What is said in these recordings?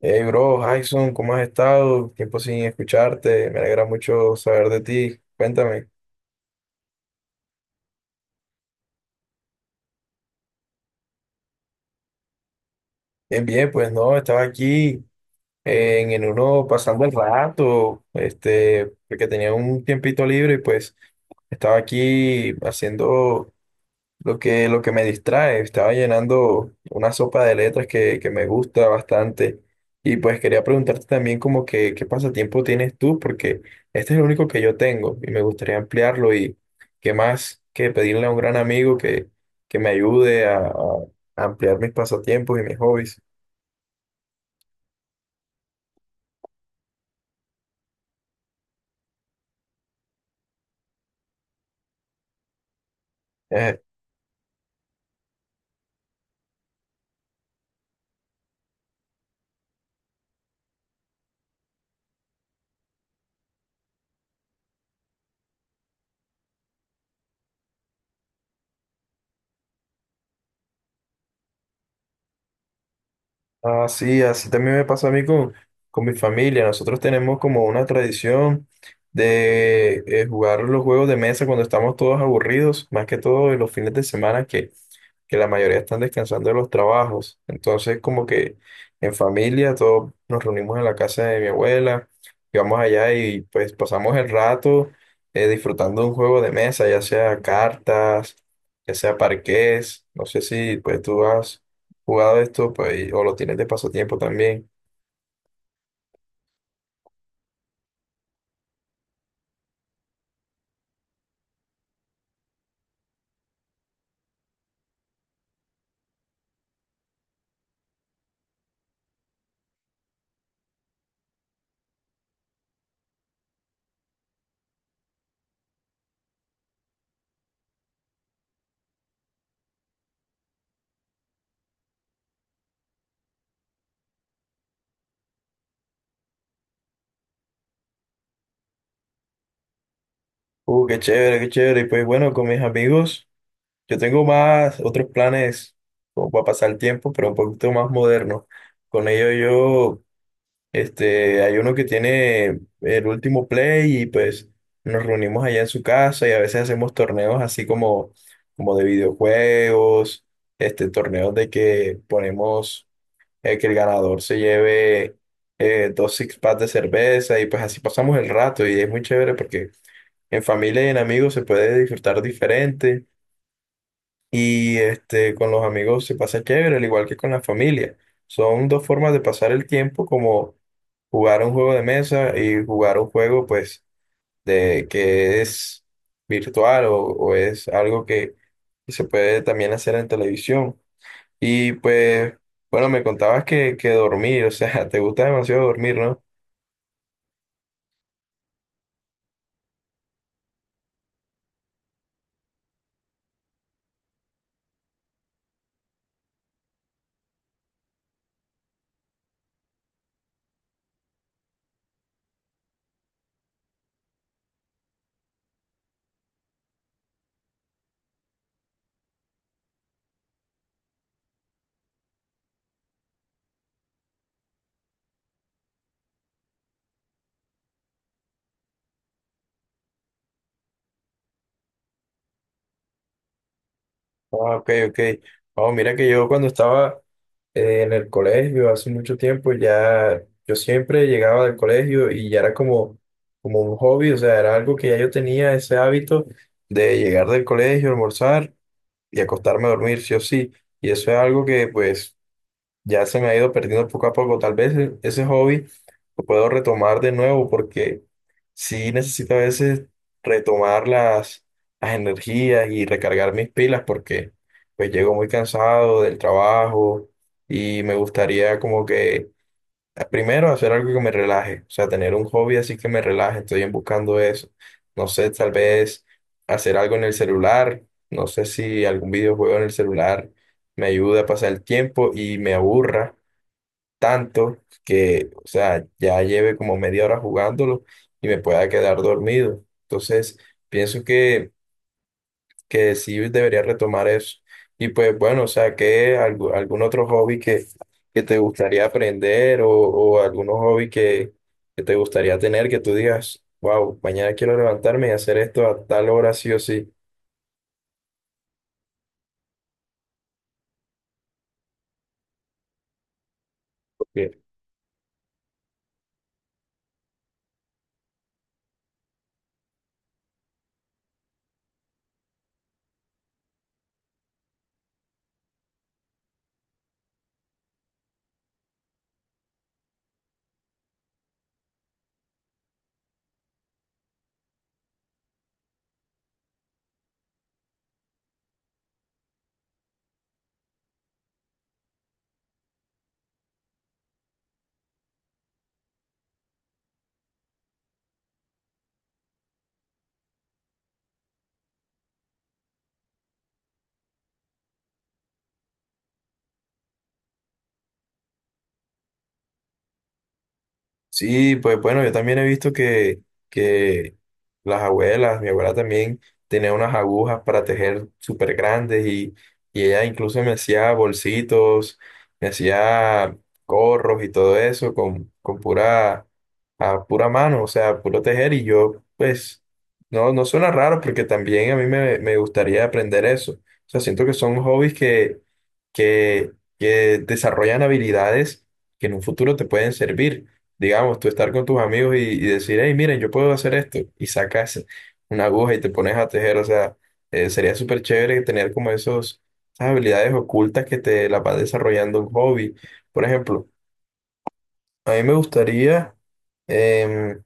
Hey, bro, Jason, ¿cómo has estado? Tiempo sin escucharte, me alegra mucho saber de ti. Cuéntame. Bien, bien, pues no, estaba aquí en uno pasando el rato, este, porque tenía un tiempito libre y pues estaba aquí haciendo lo que me distrae, estaba llenando una sopa de letras que me gusta bastante. Y pues quería preguntarte también como que qué pasatiempo tienes tú, porque este es el único que yo tengo y me gustaría ampliarlo y qué más que pedirle a un gran amigo que me ayude a ampliar mis pasatiempos y mis hobbies. Eh, Ah, sí, así también me pasa a mí con mi familia. Nosotros tenemos como una tradición de jugar los juegos de mesa cuando estamos todos aburridos, más que todo en los fines de semana que la mayoría están descansando de los trabajos. Entonces, como que en familia todos nos reunimos en la casa de mi abuela, y vamos allá y pues pasamos el rato disfrutando de un juego de mesa, ya sea cartas, ya sea parqués. No sé si pues tú has jugado esto pues, o lo tienes de pasatiempo también. Qué chévere, qué chévere. Y pues bueno, con mis amigos yo tengo más otros planes como para pasar el tiempo, pero un poquito más moderno. Con ellos yo este, hay uno que tiene el último play y pues nos reunimos allá en su casa y a veces hacemos torneos así como, como de videojuegos, este, torneos de que ponemos que el ganador se lleve dos six packs de cerveza y pues así pasamos el rato y es muy chévere porque en familia y en amigos se puede disfrutar diferente y este, con los amigos se pasa chévere, al igual que con la familia. Son dos formas de pasar el tiempo como jugar un juego de mesa y jugar un juego pues de que es virtual o es algo que se puede también hacer en televisión. Y pues, bueno, me contabas que dormir, o sea, te gusta demasiado dormir, ¿no? Ah, ok, ok. Oh, mira que yo cuando estaba en el colegio hace mucho tiempo ya, yo siempre llegaba del colegio y ya era como, como un hobby, o sea, era algo que ya yo tenía ese hábito de llegar del colegio, almorzar y acostarme a dormir, sí o sí. Y eso es algo que pues ya se me ha ido perdiendo poco a poco. Tal vez ese hobby lo puedo retomar de nuevo porque sí necesito a veces retomar las energías y recargar mis pilas porque pues llego muy cansado del trabajo y me gustaría como que primero, hacer algo que me relaje, o sea, tener un hobby así que me relaje, estoy en buscando eso. No sé, tal vez hacer algo en el celular, no sé si algún videojuego en el celular me ayuda a pasar el tiempo y me aburra tanto que, o sea, ya lleve como media hora jugándolo y me pueda quedar dormido. Entonces, pienso que sí debería retomar eso. Y pues bueno, o sea, ¿qué algún otro hobby que te gustaría aprender o algunos hobby que te gustaría tener que tú digas, wow, mañana quiero levantarme y hacer esto a tal hora sí o sí? Sí, pues bueno, yo también he visto que las abuelas, mi abuela también tenía unas agujas para tejer súper grandes y ella incluso me hacía bolsitos, me hacía gorros y todo eso con pura, a pura mano, o sea, puro tejer y yo pues no, no suena raro porque también a mí me, me gustaría aprender eso. O sea, siento que son hobbies que, que desarrollan habilidades que en un futuro te pueden servir, digamos, tú estar con tus amigos y decir, hey, miren, yo puedo hacer esto, y sacas una aguja y te pones a tejer, o sea, sería súper chévere tener como esos, esas habilidades ocultas que te las va desarrollando un hobby. Por ejemplo, a mí me gustaría, em,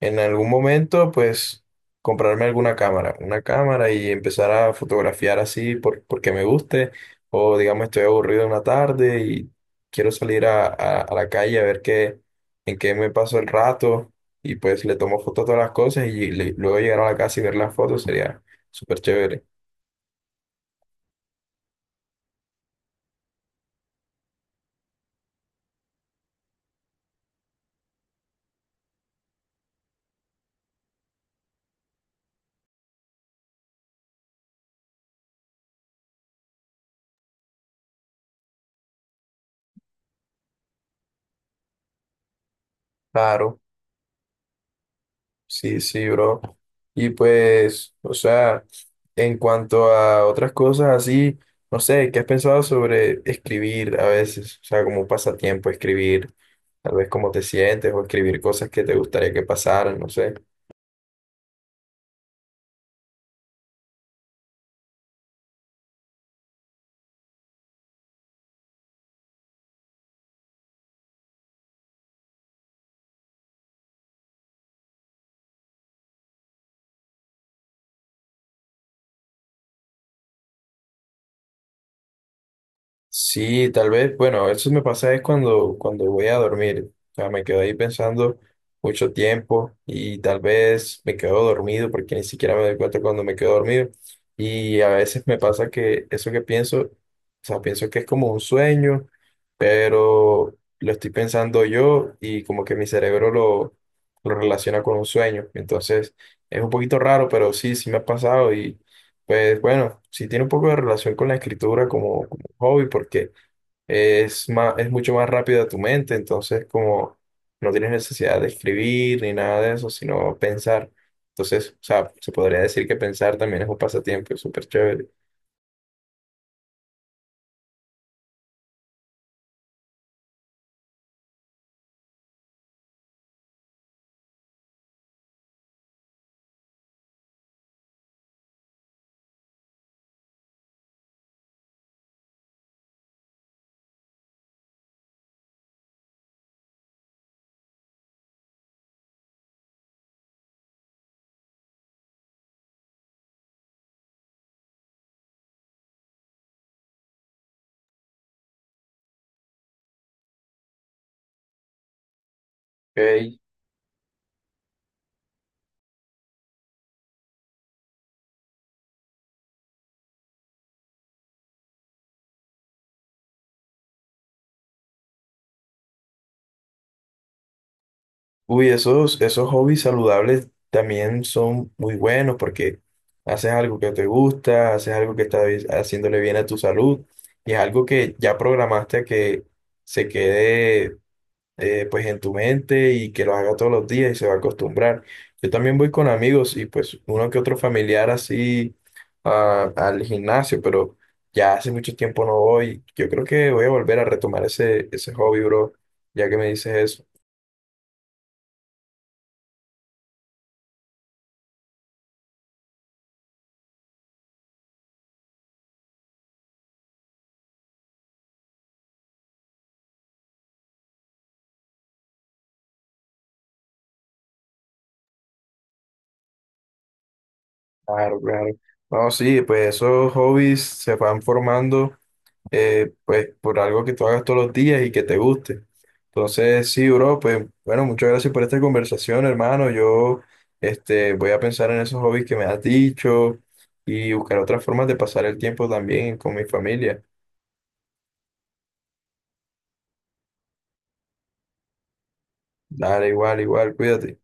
en algún momento, pues, comprarme alguna cámara, una cámara y empezar a fotografiar así porque me guste, o digamos, estoy aburrido una tarde y quiero salir a, a la calle a ver qué, en qué me paso el rato, y pues le tomo fotos a todas las cosas y luego llegar a la casa y ver las fotos sería súper chévere. Claro. Sí, sí, bro. Y pues, o sea, en cuanto a otras cosas así, no sé, ¿qué has pensado sobre escribir a veces? O sea, como un pasatiempo, escribir, tal vez cómo te sientes o escribir cosas que te gustaría que pasaran, no sé. Sí, tal vez, bueno, eso me pasa es cuando, cuando voy a dormir. O sea, me quedo ahí pensando mucho tiempo y tal vez me quedo dormido porque ni siquiera me doy cuenta cuando me quedo dormido. Y a veces me pasa que eso que pienso, o sea, pienso que es como un sueño, pero lo estoy pensando yo y como que mi cerebro lo relaciona con un sueño. Entonces, es un poquito raro, pero sí, sí me ha pasado y pues bueno, sí tiene un poco de relación con la escritura como hobby porque es más, es mucho más rápido a tu mente, entonces como no tienes necesidad de escribir ni nada de eso, sino pensar. Entonces, o sea, se podría decir que pensar también es un pasatiempo, es súper chévere. Ok. Uy, esos, esos hobbies saludables también son muy buenos porque haces algo que te gusta, haces algo que está haciéndole bien a tu salud y es algo que ya programaste a que se quede pues en tu mente y que lo haga todos los días y se va a acostumbrar. Yo también voy con amigos y pues uno que otro familiar así ah, al gimnasio, pero ya hace mucho tiempo no voy. Yo creo que voy a volver a retomar ese, ese hobby, bro, ya que me dices eso. Claro, claro. No, sí, pues esos hobbies se van formando pues por algo que tú hagas todos los días y que te guste. Entonces, sí, bro, pues bueno, muchas gracias por esta conversación, hermano. Yo este, voy a pensar en esos hobbies que me has dicho y buscar otras formas de pasar el tiempo también con mi familia. Dale, igual, igual, cuídate.